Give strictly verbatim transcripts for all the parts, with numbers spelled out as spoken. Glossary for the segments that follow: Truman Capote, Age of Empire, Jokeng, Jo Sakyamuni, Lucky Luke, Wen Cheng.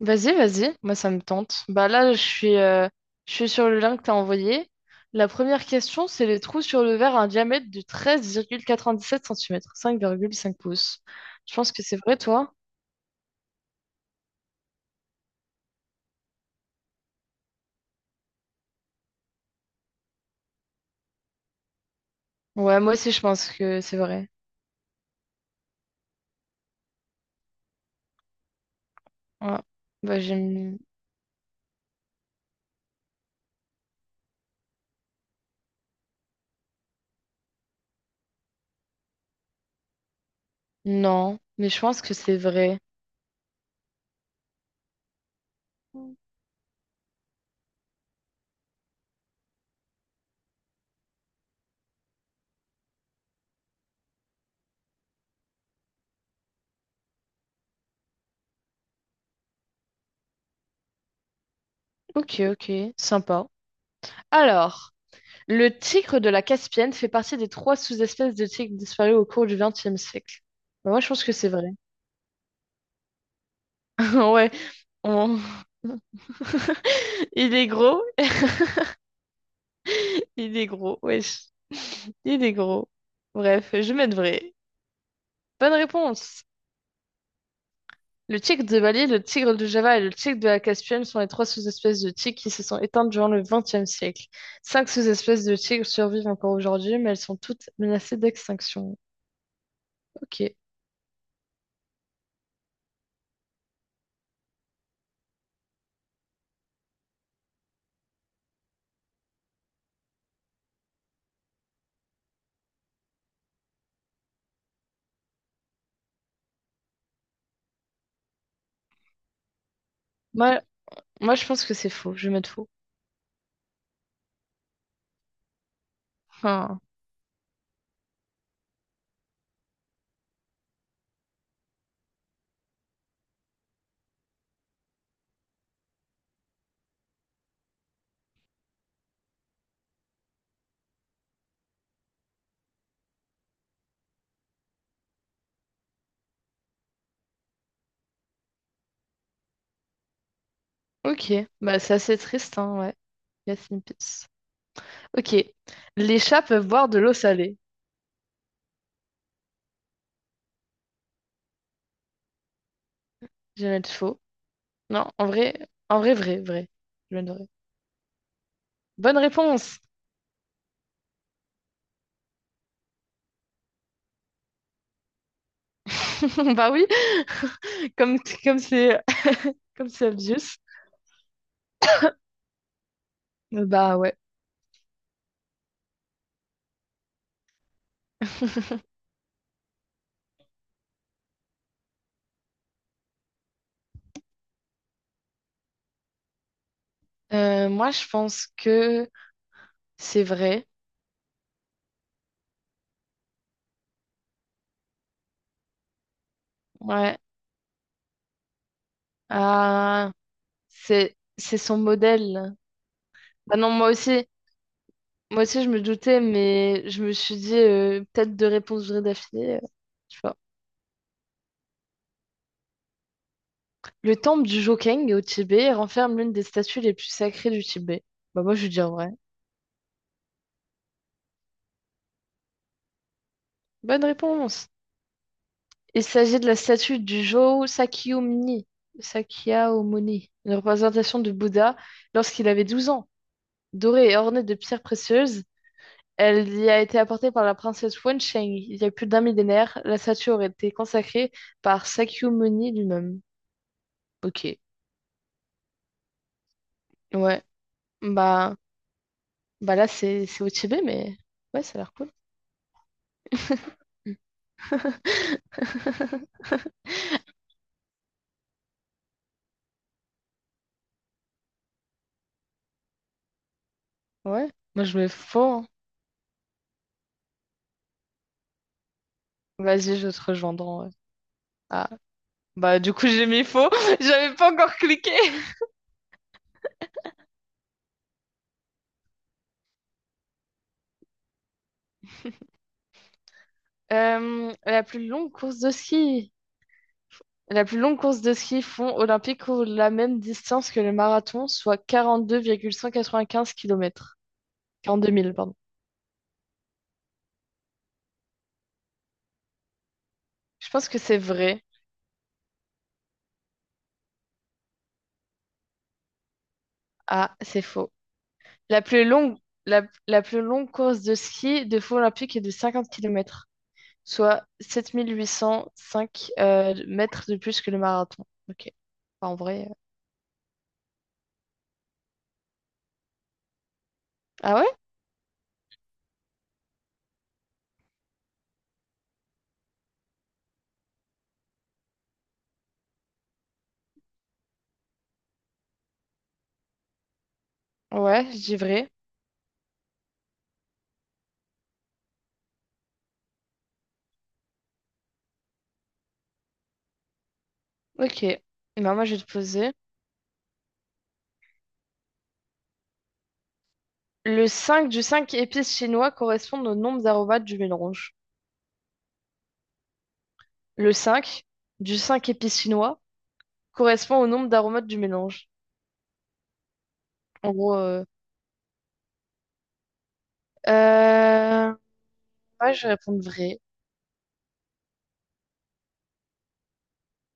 Vas-y, vas-y, moi ça me tente. Bah là, je suis, euh, je suis sur le lien que t'as envoyé. La première question, c'est les trous sur le verre à un diamètre de treize virgule quatre-vingt-dix-sept centimètres cinq virgule cinq pouces. Je pense que c'est vrai, toi? Ouais, moi aussi je pense que c'est vrai. Ouais. Bah j'aime. Non, mais je pense que c'est vrai. Ok, ok, sympa. Alors, le tigre de la Caspienne fait partie des trois sous-espèces de tigres disparues au cours du XXe siècle. Bah, moi je pense que c'est vrai. Ouais, on- il est gros, il est gros, wesh, il est gros. Bref, je vais mettre vrai. Bonne réponse. Le tigre de Bali, le tigre de Java et le tigre de la Caspienne sont les trois sous-espèces de tigres qui se sont éteintes durant le XXe siècle. Cinq sous-espèces de tigres survivent encore aujourd'hui, mais elles sont toutes menacées d'extinction. Ok. Moi, moi, je pense que c'est faux. Je vais mettre faux. Ah. Ok. Bah, c'est assez triste, hein, ouais. Rest in peace. Ok. Les chats peuvent boire de l'eau salée. Je vais mettre faux. Non, en vrai, en vrai, vrai, vrai. Je viens de vrai. Bonne réponse! Bah oui, comme comme c'est comme c'est obvious. Bah ouais. Euh, moi, je pense que c'est vrai. Ouais. Ah, c'est c'est son modèle. Bah non, moi aussi. Moi aussi, je me doutais, mais je me suis dit euh, peut-être deux réponses vraies d'affilée, euh, je sais pas. Le temple du Jokeng au Tibet renferme l'une des statues les plus sacrées du Tibet. Bah moi, je veux dire vrai. Bonne réponse! Il s'agit de la statue du Jo Sakyamuni, Sakyamuni, une représentation du Bouddha lorsqu'il avait douze ans. Dorée et ornée de pierres précieuses, elle y a été apportée par la princesse Wen Cheng. Il y a plus d'un millénaire, la statue aurait été consacrée par Sakyamuni lui-même. Ok, ouais. Bah, bah là, c'est c'est au Tibet, mais ouais, ça a l'air cool. Ouais, moi je mets faux, hein. Vas-y, je vais te rejoindre. En Ah, bah du coup j'ai mis faux. J'avais pas encore cliqué. Euh, la plus longue course de ski. La plus longue course de ski fond olympique couvre la même distance que le marathon, soit quarante-deux virgule cent quatre-vingt-quinze kilomètres, quarante-deux mille, pardon. Je pense que c'est vrai. Ah, c'est faux. La plus longue, la, la plus longue course de ski de fond olympique est de cinquante kilomètres, soit sept mille huit cent cinq euh, mètres de plus que le marathon. Ok. Enfin, en vrai. euh. Ah ouais? Ouais, je dis vrai. Ok. Eh ben, moi, je vais te poser. Le cinq du cinq épices chinois correspond au nombre d'aromates du mélange. Le cinq du cinq épices chinois correspond au nombre d'aromates du mélange. En gros, euh... euh, ouais, je vais répondre vrai.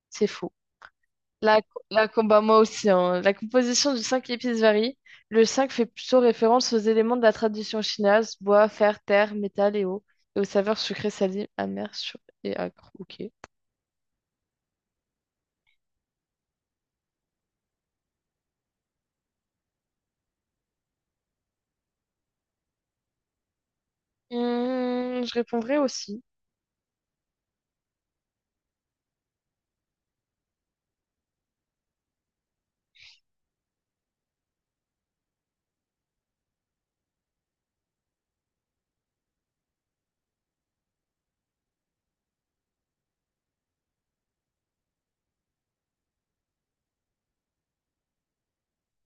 C'est faux. La, la combat, moi aussi, hein. La composition du cinq épices varie. Le cinq fait plutôt référence aux éléments de la tradition chinoise, bois, fer, terre, métal et eau, et aux saveurs sucrées, salées, amères, sûres et acres. Ok. Hmm, je répondrai aussi.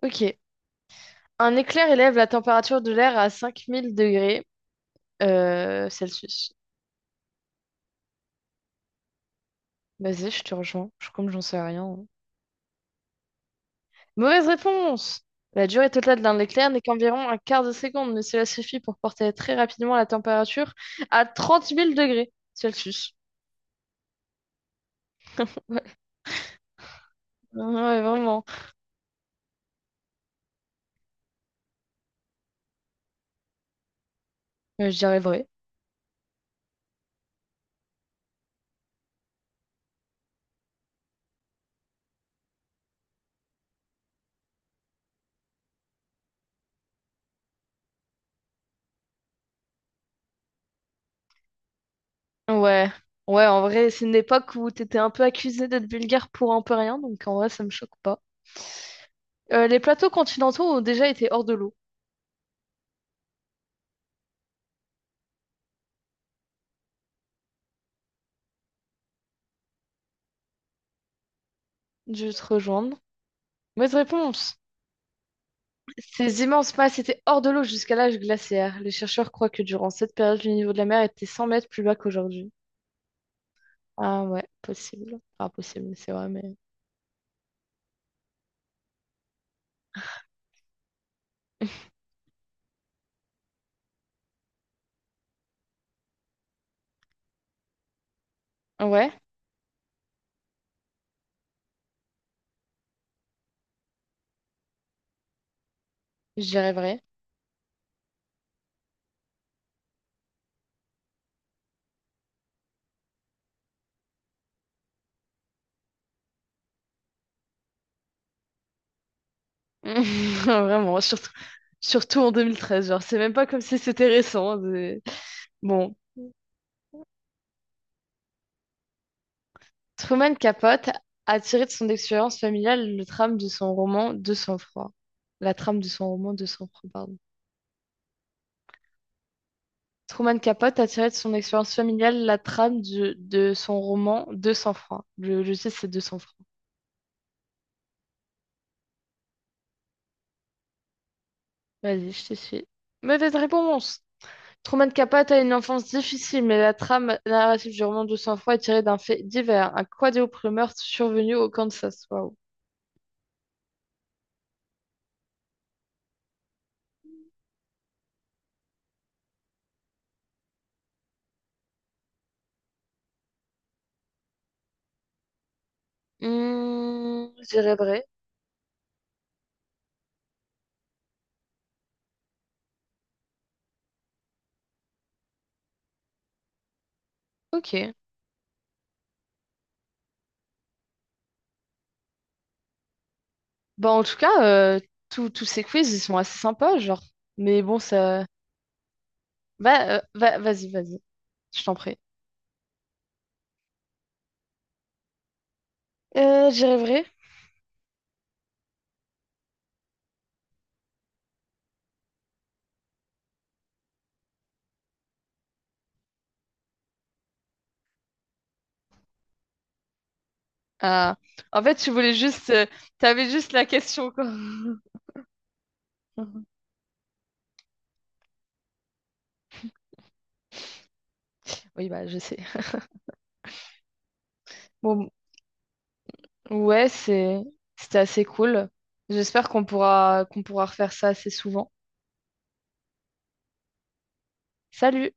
Ok. Un éclair élève la température de l'air à cinq mille degrés euh, Celsius. Bah, vas-y, je te rejoins. Je, comme j'en sais rien, hein. Mauvaise réponse! La durée totale d'un éclair n'est qu'environ un quart de seconde, mais cela suffit pour porter très rapidement la température à trente mille degrés Celsius. Ouais, ouais, vraiment. Euh, je dirais vrai. Ouais. Ouais, en vrai, c'est une époque où t'étais un peu accusé d'être vulgaire pour un peu rien, donc en vrai, ça me choque pas. Euh, les plateaux continentaux ont déjà été hors de l'eau. Je vais te rejoindre. Mauvaise réponse! Ces immenses masses étaient hors de l'eau jusqu'à l'âge glaciaire. Les chercheurs croient que durant cette période, le niveau de la mer était cent mètres plus bas qu'aujourd'hui. Ah ouais, possible. Enfin, possible, c'est vrai, mais. Ouais, je dirais vrai. Vraiment, surtout, surtout en vingt treize. Genre, c'est même pas comme si c'était récent. c'est- Bon, Truman Capote a tiré de son expérience familiale le trame de son roman De sang-froid. La trame de son roman De sang-froid, Truman Capote a tiré de son expérience familiale la trame du- de son roman Deux cents francs. Je, je sais, c'est Deux cents francs. Vas-y, je te suis. Mauvaise réponse! Truman Capote a une enfance difficile, mais la trame narrative du roman Deux cents francs est tirée d'un fait divers, un quadruple meurtre survenu au Kansas. Waouh. Hmm, je dirais vrai. Ok. Bah, en tout cas, euh, tous tous ces quiz, ils sont assez sympas, genre. Mais bon, ça. Va, euh, va- vas-y, vas-y. Je t'en prie. Euh, je dirais vrai. Ah. En fait, tu voulais juste, euh, t'avais juste la question, quoi. Oui, bah, je sais. Bon, ouais, c'est. C'était assez cool. J'espère qu'on pourra qu'on pourra refaire ça assez souvent. Salut!